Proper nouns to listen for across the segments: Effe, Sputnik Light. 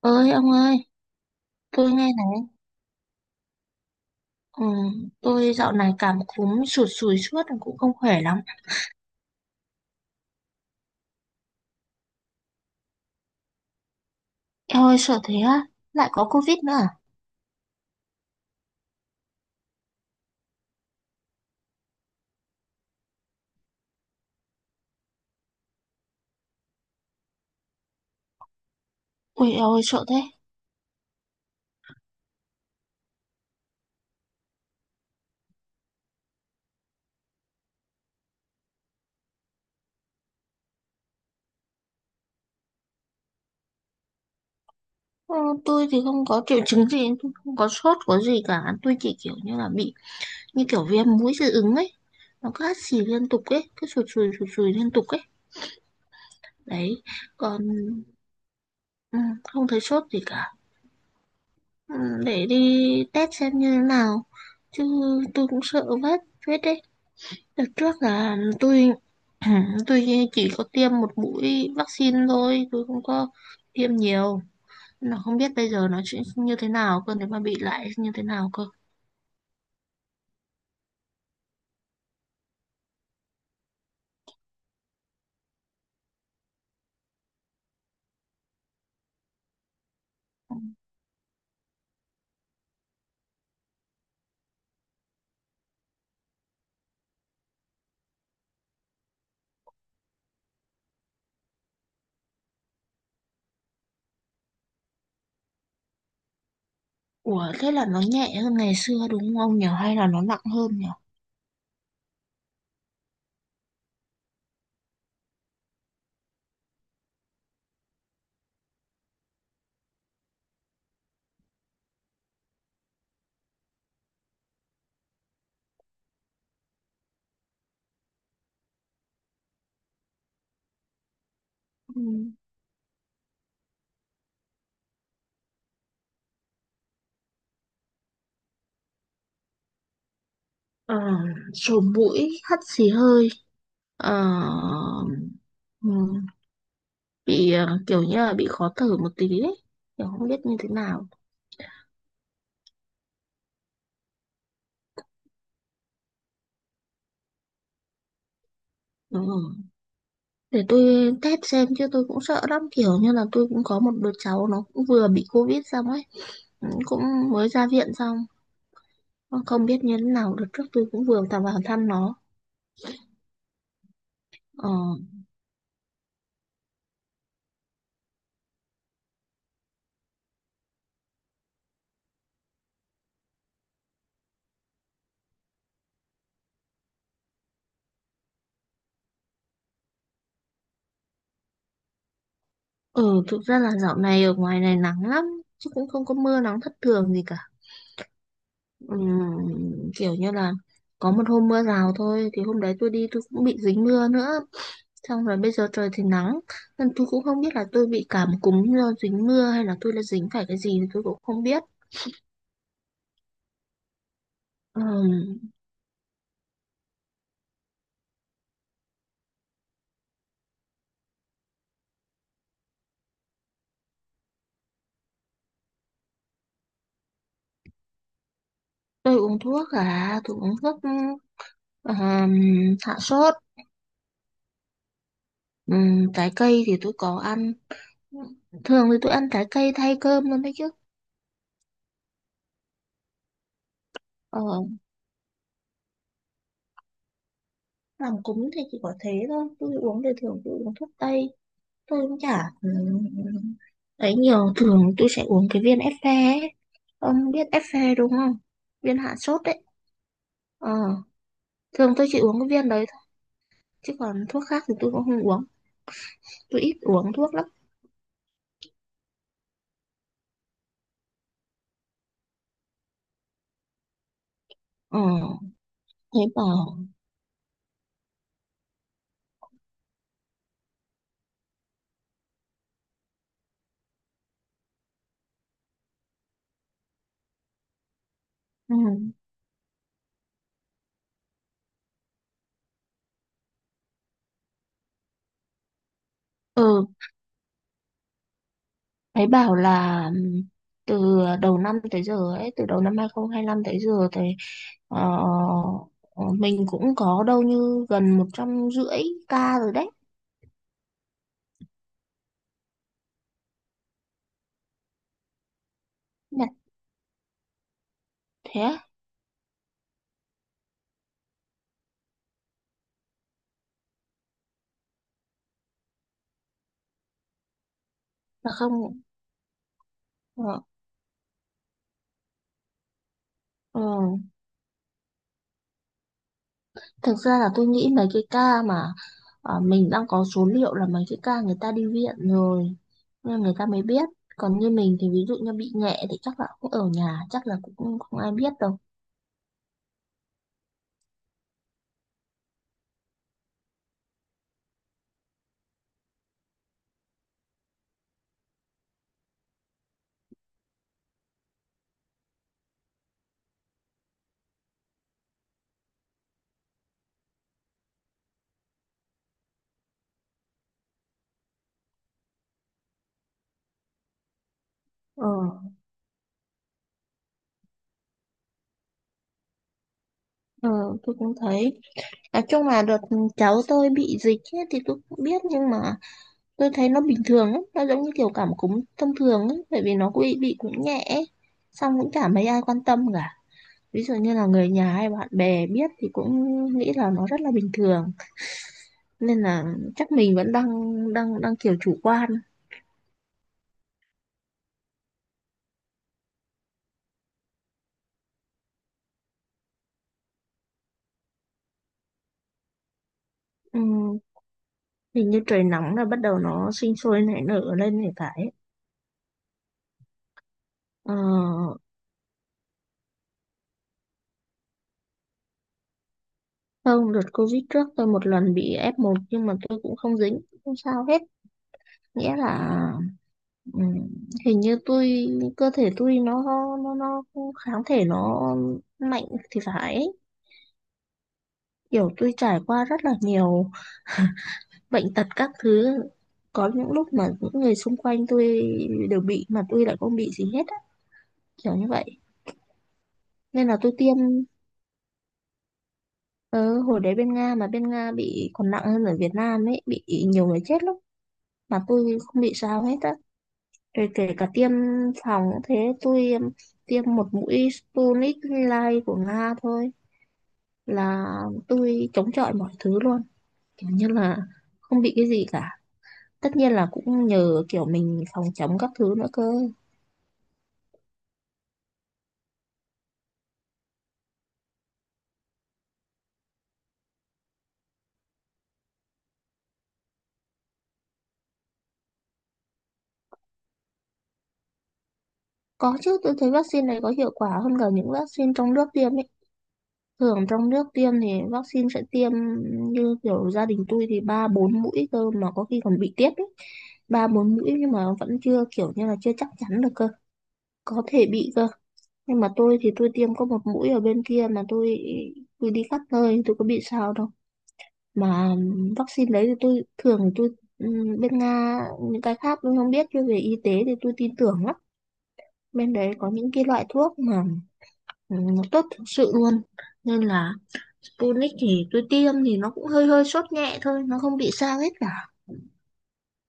Ơi ông ơi, tôi nghe này. Ừ, tôi dạo này cảm cúm sụt sùi suốt cũng không khỏe lắm. Eo ơi, sợ thế á. Lại có Covid nữa à? Ui eo ơi, sợ thế. Ừ, tôi thì không có triệu chứng gì, tôi không có sốt có gì cả, tôi chỉ kiểu như là bị như kiểu viêm mũi dị ứng ấy, nó cứ hắt xì liên tục ấy, cứ sụt sùi liên tục ấy, đấy. Còn ừ, không thấy sốt gì cả. Ừ, để đi test xem như thế nào chứ. Tôi cũng sợ vết vết đấy. Đợt trước là tôi tôi chỉ có tiêm một mũi vaccine thôi, tôi không có tiêm nhiều. Nó không biết bây giờ nó chuyện như thế nào cơ, nếu mà bị lại như thế nào cơ. Ủa, thế là nó nhẹ hơn ngày xưa đúng không nhỉ? Hay là nó nặng hơn nhỉ? Ừ. Ờ, sổ mũi, hắt xì hơi, ờ, ừ, bị kiểu như là bị khó thở một tí ấy. Kiểu không biết như thế nào. Ừ. Để tôi test xem chứ tôi cũng sợ lắm, kiểu như là tôi cũng có một đứa cháu nó cũng vừa bị Covid xong ấy. Ừ, cũng mới ra viện xong, không biết như thế nào được, trước tôi cũng vừa tạm vào thăm nó. Ờ. Ừ, thực ra là dạo này ở ngoài này nắng lắm, chứ cũng không có mưa nắng thất thường gì cả. Ừm, kiểu như là có một hôm mưa rào thôi, thì hôm đấy tôi đi tôi cũng bị dính mưa nữa, xong rồi bây giờ trời thì nắng, nên tôi cũng không biết là tôi bị cảm cúm do dính mưa hay là tôi đã dính phải cái gì thì tôi cũng không biết. Ừm. Tôi uống thuốc, à, tôi uống thuốc ừm, hạ sốt. Trái cây thì tôi có ăn. Thường thì tôi ăn trái cây thay cơm luôn đấy chứ. Ờ, làm cúng thì chỉ có thế thôi, tôi uống thì thường tôi uống thuốc tây. Tôi cũng chả ấy nhiều, thường tôi sẽ uống cái viên Effe ấy. Ông biết Effe đúng không? Viên hạ sốt đấy. Ờ, thường tôi chỉ uống cái viên đấy thôi, chứ còn thuốc khác thì tôi cũng không uống. Tôi ít uống thuốc lắm. Ờ, thế bảo... Ừ. Ừ, thấy bảo là từ đầu năm tới giờ ấy, từ đầu năm 2025 tới giờ thì ờ, ờ, mình cũng có đâu như gần một trăm rưỡi ca rồi đấy. Nhặt, thế là không. ờ, ờ. Thực ra là tôi nghĩ mấy cái ca mà mình đang có số liệu là mấy cái ca người ta đi viện rồi, nên người ta mới biết. Còn như mình thì ví dụ như bị nhẹ thì chắc là cũng ở nhà, chắc là cũng không ai biết đâu. ờ ờ tôi cũng thấy. Nói chung là đợt cháu tôi bị dịch ấy, thì tôi cũng biết nhưng mà tôi thấy nó bình thường lắm, nó giống như kiểu cảm cúm thông thường ấy, bởi vì nó cũng bị cũng nhẹ ấy. Xong cũng chả mấy ai quan tâm cả. Ví dụ như là người nhà hay bạn bè biết thì cũng nghĩ là nó rất là bình thường. Nên là chắc mình vẫn đang đang đang kiểu chủ quan. Ừm, hình như trời nóng là bắt đầu nó sinh sôi nảy nở lên thì phải. Ờ, không, đợt Covid trước tôi một lần bị F1 nhưng mà tôi cũng không dính, không sao hết. Nghĩa là ừ, hình như tôi cơ thể tôi nó kháng thể nó mạnh thì phải ấy. Kiểu tôi trải qua rất là nhiều bệnh tật các thứ, có những lúc mà những người xung quanh tôi đều bị mà tôi lại không bị gì hết á, kiểu như vậy. Nên là tôi tiêm ờ, hồi đấy bên Nga, mà bên Nga bị còn nặng hơn ở Việt Nam ấy, bị nhiều người chết lắm mà tôi không bị sao hết á. Rồi kể cả tiêm phòng cũng thế, tôi tiêm một mũi Sputnik Light của Nga thôi là tôi chống chọi mọi thứ luôn, kiểu như là không bị cái gì cả. Tất nhiên là cũng nhờ kiểu mình phòng chống các thứ nữa cơ. Có chứ, tôi thấy vaccine này có hiệu quả hơn cả những vaccine trong nước tiêm ấy. Thường trong nước tiêm thì vaccine sẽ tiêm như kiểu gia đình tôi thì ba bốn mũi cơ, mà có khi còn bị tiếp ấy. Ba bốn mũi nhưng mà vẫn chưa, kiểu như là chưa chắc chắn được cơ, có thể bị cơ. Nhưng mà tôi thì tôi tiêm có một mũi ở bên kia mà tôi đi khắp nơi tôi có bị sao đâu. Mà vaccine đấy thì tôi thường thì tôi bên Nga những cái khác tôi không biết, nhưng về y tế thì tôi tin tưởng lắm. Bên đấy có những cái loại thuốc mà nó tốt thực sự luôn. Nên là Sputnik thì tôi tiêm thì nó cũng hơi hơi sốt nhẹ thôi, nó không bị sao hết cả.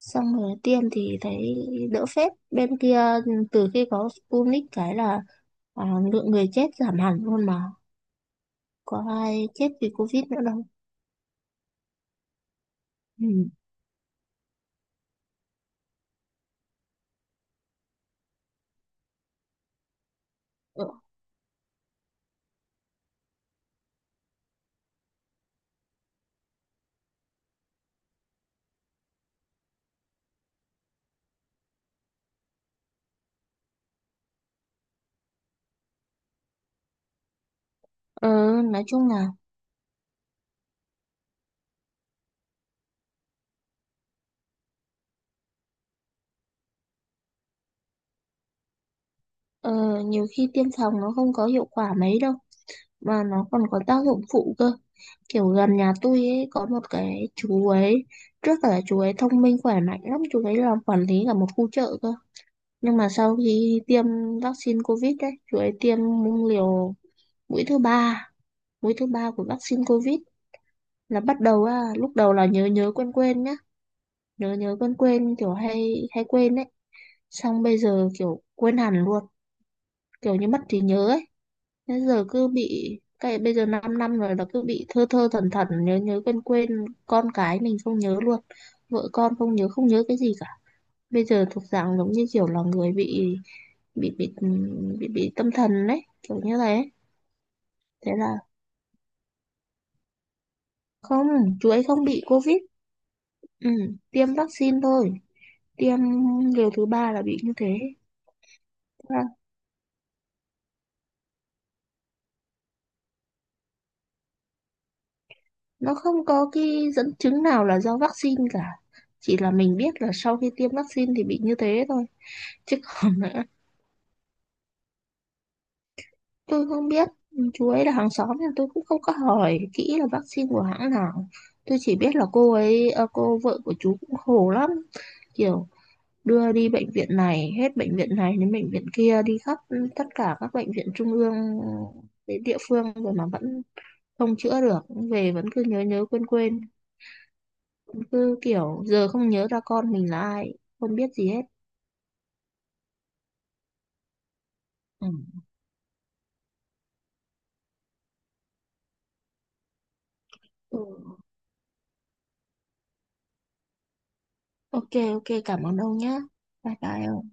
Xong rồi tiêm thì thấy đỡ phết bên kia. Ừ, từ khi có Sputnik cái là, à, lượng người chết giảm hẳn luôn mà, có ai chết vì Covid nữa đâu. Ừ. Ờ, nói chung là. Ờ, nhiều khi tiêm phòng nó không có hiệu quả mấy đâu, mà nó còn có tác dụng phụ cơ. Kiểu gần nhà tôi ấy, có một cái chú ấy, trước cả chú ấy thông minh khỏe mạnh lắm, chú ấy làm quản lý cả một khu chợ cơ, nhưng mà sau khi tiêm vaccine Covid đấy, chú ấy tiêm liều mũi thứ ba, mũi thứ ba của vaccine Covid là bắt đầu á, lúc đầu là nhớ nhớ quên quên nhá, nhớ nhớ quên quên kiểu hay hay quên ấy, xong bây giờ kiểu quên hẳn luôn, kiểu như mất trí nhớ ấy. Bây giờ cứ bị cái, bây giờ 5 năm năm rồi là cứ bị thơ thơ thẩn thẩn, nhớ nhớ quên quên, con cái mình không nhớ luôn, vợ con không nhớ, không nhớ cái gì cả. Bây giờ thuộc dạng giống như kiểu là người bị bị bị tâm thần đấy, kiểu như thế. Thế là không, chú ấy không bị Covid. Ừ, tiêm vaccine thôi, tiêm liều thứ ba là bị như thế. Thế là nó không có cái dẫn chứng nào là do vaccine cả, chỉ là mình biết là sau khi tiêm vaccine thì bị như thế thôi. Chứ còn nữa. Tôi không biết, chú ấy là hàng xóm nên tôi cũng không có hỏi kỹ là vaccine của hãng nào. Tôi chỉ biết là cô ấy, à, cô vợ của chú cũng khổ lắm. Kiểu đưa đi bệnh viện này, hết bệnh viện này đến bệnh viện kia, đi khắp tất cả các bệnh viện trung ương đến địa phương rồi mà vẫn không chữa được. Về vẫn cứ nhớ nhớ quên quên, vẫn cứ kiểu giờ không nhớ ra con mình là ai, không biết gì hết. Ừ. Ừ. Ok, ok, cảm ơn ông nhé. Bye bye ông.